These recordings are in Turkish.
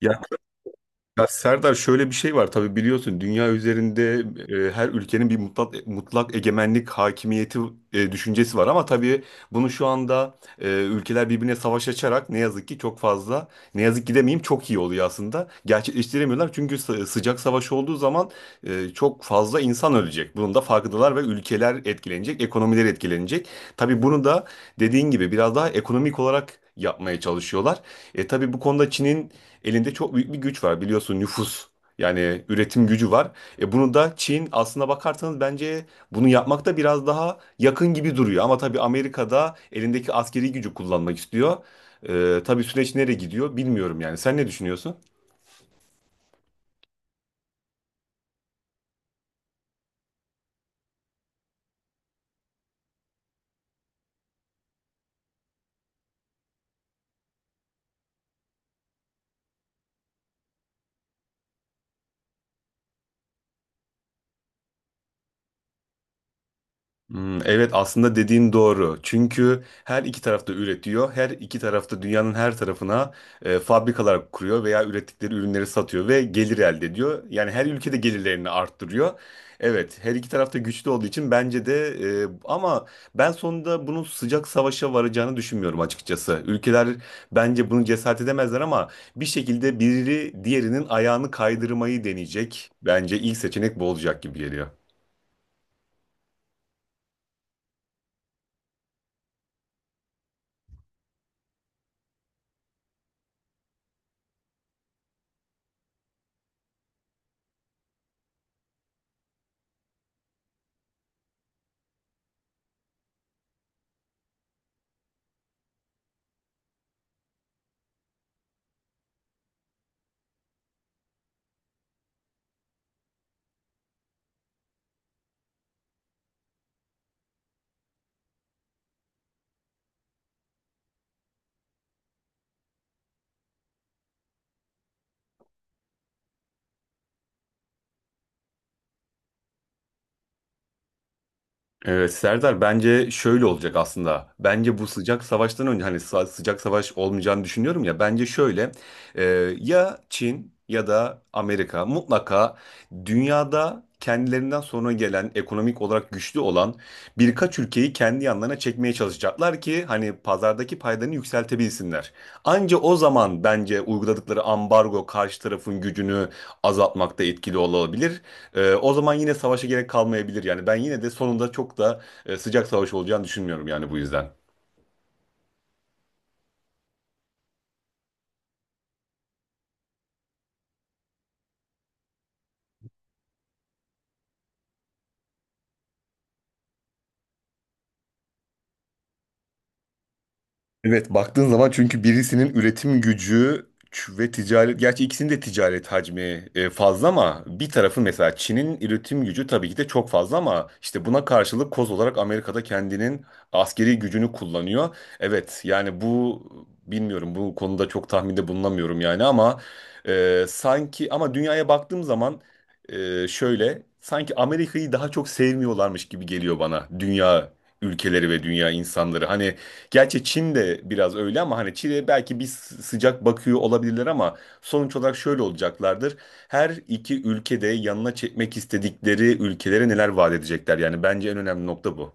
Ya, ya Serdar, şöyle bir şey var, tabii biliyorsun, dünya üzerinde her ülkenin bir mutlak egemenlik hakimiyeti düşüncesi var ama tabii bunu şu anda ülkeler birbirine savaş açarak ne yazık ki çok fazla, ne yazık ki demeyeyim, çok iyi oluyor aslında, gerçekleştiremiyorlar çünkü sıcak savaş olduğu zaman çok fazla insan ölecek, bunun da farkındalar ve ülkeler etkilenecek, ekonomiler etkilenecek. Tabii bunu da dediğin gibi biraz daha ekonomik olarak yapmaya çalışıyorlar. Tabii bu konuda Çin'in elinde çok büyük bir güç var, biliyorsun, nüfus. Yani üretim gücü var. Bunu da Çin, aslına bakarsanız, bence bunu yapmakta biraz daha yakın gibi duruyor. Ama tabii Amerika'da elindeki askeri gücü kullanmak istiyor. Tabii süreç nereye gidiyor bilmiyorum yani. Sen ne düşünüyorsun? Hmm, evet, aslında dediğin doğru. Çünkü her iki tarafta üretiyor. Her iki tarafta dünyanın her tarafına fabrikalar kuruyor veya ürettikleri ürünleri satıyor ve gelir elde ediyor. Yani her ülkede gelirlerini arttırıyor. Evet, her iki tarafta güçlü olduğu için bence de, ama ben sonunda bunun sıcak savaşa varacağını düşünmüyorum açıkçası. Ülkeler bence bunu cesaret edemezler ama bir şekilde biri diğerinin ayağını kaydırmayı deneyecek. Bence ilk seçenek bu olacak gibi geliyor. Evet Serdar, bence şöyle olacak aslında. Bence bu sıcak savaştan önce, hani sıcak savaş olmayacağını düşünüyorum ya. Bence şöyle, e, ya Çin ya da Amerika mutlaka dünyada kendilerinden sonra gelen ekonomik olarak güçlü olan birkaç ülkeyi kendi yanlarına çekmeye çalışacaklar ki hani pazardaki paylarını yükseltebilsinler. Anca o zaman bence uyguladıkları ambargo karşı tarafın gücünü azaltmakta etkili olabilir. O zaman yine savaşa gerek kalmayabilir. Yani ben yine de sonunda çok da sıcak savaş olacağını düşünmüyorum yani, bu yüzden. Evet, baktığın zaman çünkü birisinin üretim gücü ve ticaret, gerçi ikisinin de ticaret hacmi fazla, ama bir tarafı, mesela Çin'in üretim gücü tabii ki de çok fazla, ama işte buna karşılık koz olarak Amerika'da kendinin askeri gücünü kullanıyor. Evet yani bu, bilmiyorum, bu konuda çok tahminde bulunamıyorum yani, ama sanki, ama dünyaya baktığım zaman şöyle, sanki Amerika'yı daha çok sevmiyorlarmış gibi geliyor bana, dünya ülkeleri ve dünya insanları. Hani gerçi Çin de biraz öyle ama hani Çin'e belki bir sıcak bakıyor olabilirler ama sonuç olarak şöyle olacaklardır. Her iki ülkede yanına çekmek istedikleri ülkelere neler vaat edecekler. Yani bence en önemli nokta bu.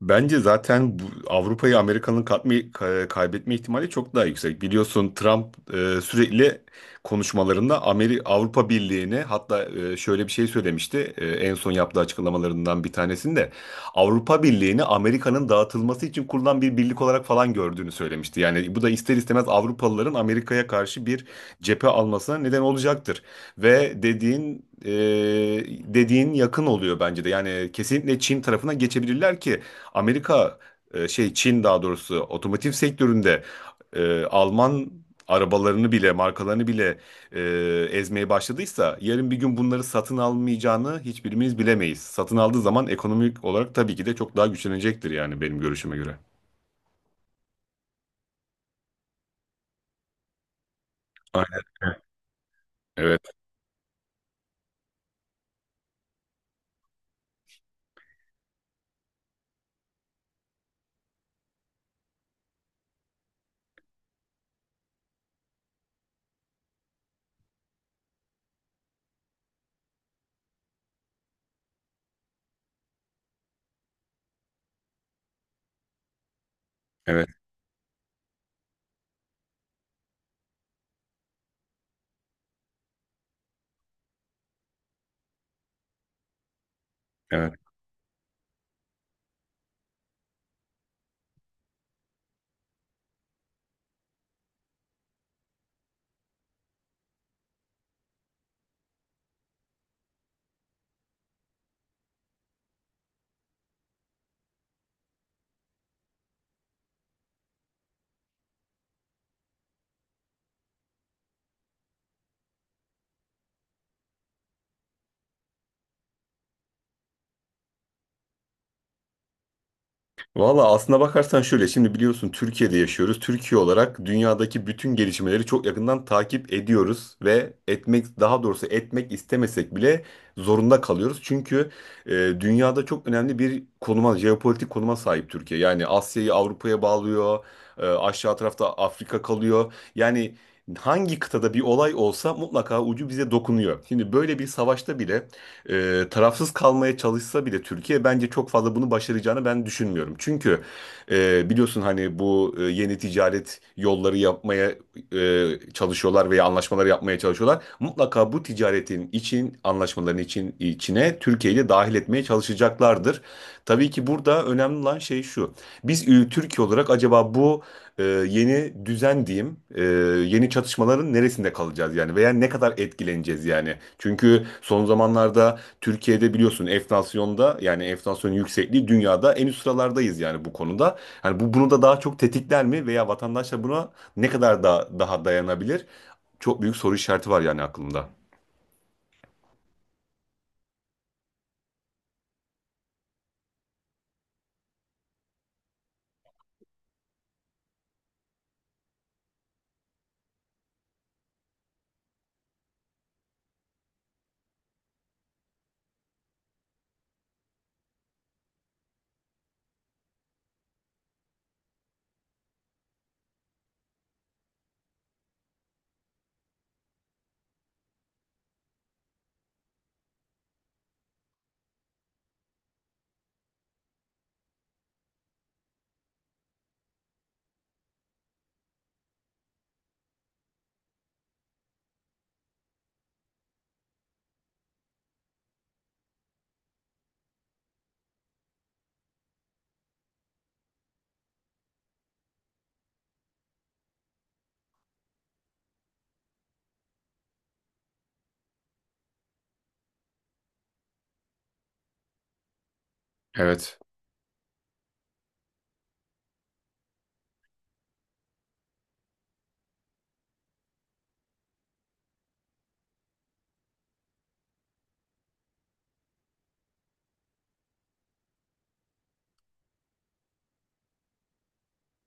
Bence zaten bu, Avrupa'yı Amerika'nın kaybetme ihtimali çok daha yüksek. Biliyorsun Trump sürekli konuşmalarında Avrupa Birliği'ni, hatta şöyle bir şey söylemişti, en son yaptığı açıklamalarından bir tanesinde Avrupa Birliği'ni Amerika'nın dağıtılması için kurulan bir birlik olarak falan gördüğünü söylemişti. Yani bu da ister istemez Avrupalıların Amerika'ya karşı bir cephe almasına neden olacaktır. Ve dediğin yakın oluyor bence de. Yani kesinlikle Çin tarafına geçebilirler ki Amerika, şey, Çin daha doğrusu, otomotiv sektöründe Alman arabalarını bile, markalarını bile e, ezmeye başladıysa yarın bir gün bunları satın almayacağını hiçbirimiz bilemeyiz. Satın aldığı zaman ekonomik olarak tabii ki de çok daha güçlenecektir yani, benim görüşüme göre. Aynen. Evet, evet, evet. Valla aslına bakarsan şöyle, şimdi biliyorsun Türkiye'de yaşıyoruz. Türkiye olarak dünyadaki bütün gelişmeleri çok yakından takip ediyoruz ve etmek, daha doğrusu etmek istemesek bile zorunda kalıyoruz. Çünkü e, dünyada çok önemli bir konuma, jeopolitik konuma sahip Türkiye. Yani Asya'yı Avrupa'ya bağlıyor, aşağı tarafta Afrika kalıyor. Yani hangi kıtada bir olay olsa mutlaka ucu bize dokunuyor. Şimdi böyle bir savaşta bile tarafsız kalmaya çalışsa bile Türkiye, bence çok fazla bunu başaracağını ben düşünmüyorum. Çünkü biliyorsun hani bu yeni ticaret yolları yapmaya e, çalışıyorlar veya anlaşmaları yapmaya çalışıyorlar. Mutlaka bu ticaretin için, anlaşmaların için içine Türkiye'yi de dahil etmeye çalışacaklardır. Tabii ki burada önemli olan şey şu. Biz Türkiye olarak acaba bu yeni düzen diyeyim, yeni çatışmaların neresinde kalacağız yani, veya ne kadar etkileneceğiz yani. Çünkü son zamanlarda Türkiye'de biliyorsun enflasyonda, yani enflasyon yüksekliği, dünyada en üst sıralardayız yani bu konuda. Hani bu bunu da daha çok tetikler mi, veya vatandaşlar buna ne kadar da daha dayanabilir? Çok büyük soru işareti var yani aklımda. Evet.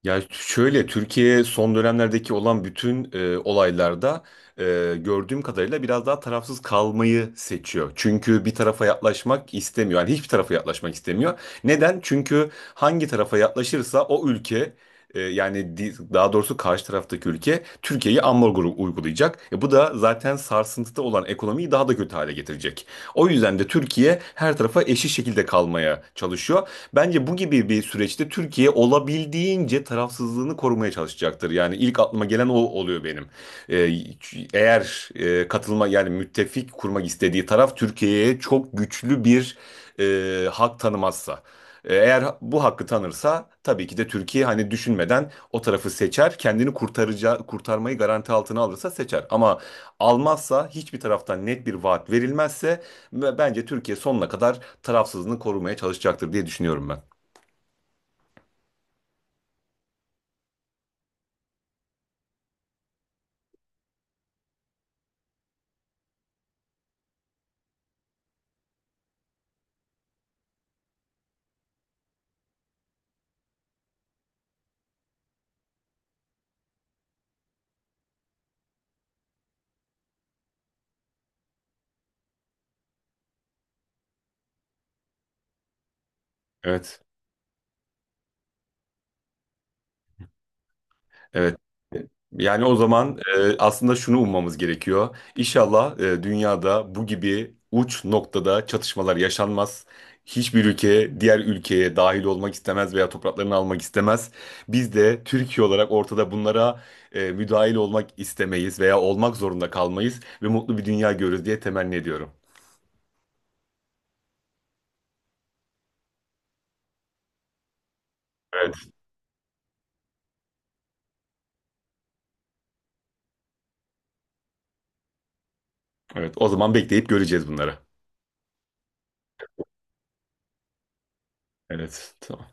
Ya şöyle, Türkiye son dönemlerdeki olan bütün olaylarda e, gördüğüm kadarıyla biraz daha tarafsız kalmayı seçiyor. Çünkü bir tarafa yaklaşmak istemiyor. Yani hiçbir tarafa yaklaşmak istemiyor. Neden? Çünkü hangi tarafa yaklaşırsa o ülke, daha doğrusu karşı taraftaki ülke Türkiye'yi ambargo uygulayacak. Bu da zaten sarsıntıda olan ekonomiyi daha da kötü hale getirecek. O yüzden de Türkiye her tarafa eşit şekilde kalmaya çalışıyor. Bence bu gibi bir süreçte Türkiye olabildiğince tarafsızlığını korumaya çalışacaktır. Yani ilk aklıma gelen o oluyor benim. Ee, Eğer katılma, yani müttefik kurmak istediği taraf Türkiye'ye çok güçlü bir hak tanımazsa. Eğer bu hakkı tanırsa tabii ki de Türkiye hani düşünmeden o tarafı seçer. Kendini kurtaracağı, kurtarmayı garanti altına alırsa seçer. Ama almazsa, hiçbir taraftan net bir vaat verilmezse, ve bence Türkiye sonuna kadar tarafsızlığını korumaya çalışacaktır diye düşünüyorum ben. Evet. Evet. Yani o zaman aslında şunu ummamız gerekiyor. İnşallah dünyada bu gibi uç noktada çatışmalar yaşanmaz. Hiçbir ülke diğer ülkeye dahil olmak istemez veya topraklarını almak istemez. Biz de Türkiye olarak ortada bunlara müdahil olmak istemeyiz veya olmak zorunda kalmayız ve mutlu bir dünya görürüz diye temenni ediyorum. Evet. Evet. O zaman bekleyip göreceğiz bunları. Evet. Tamam.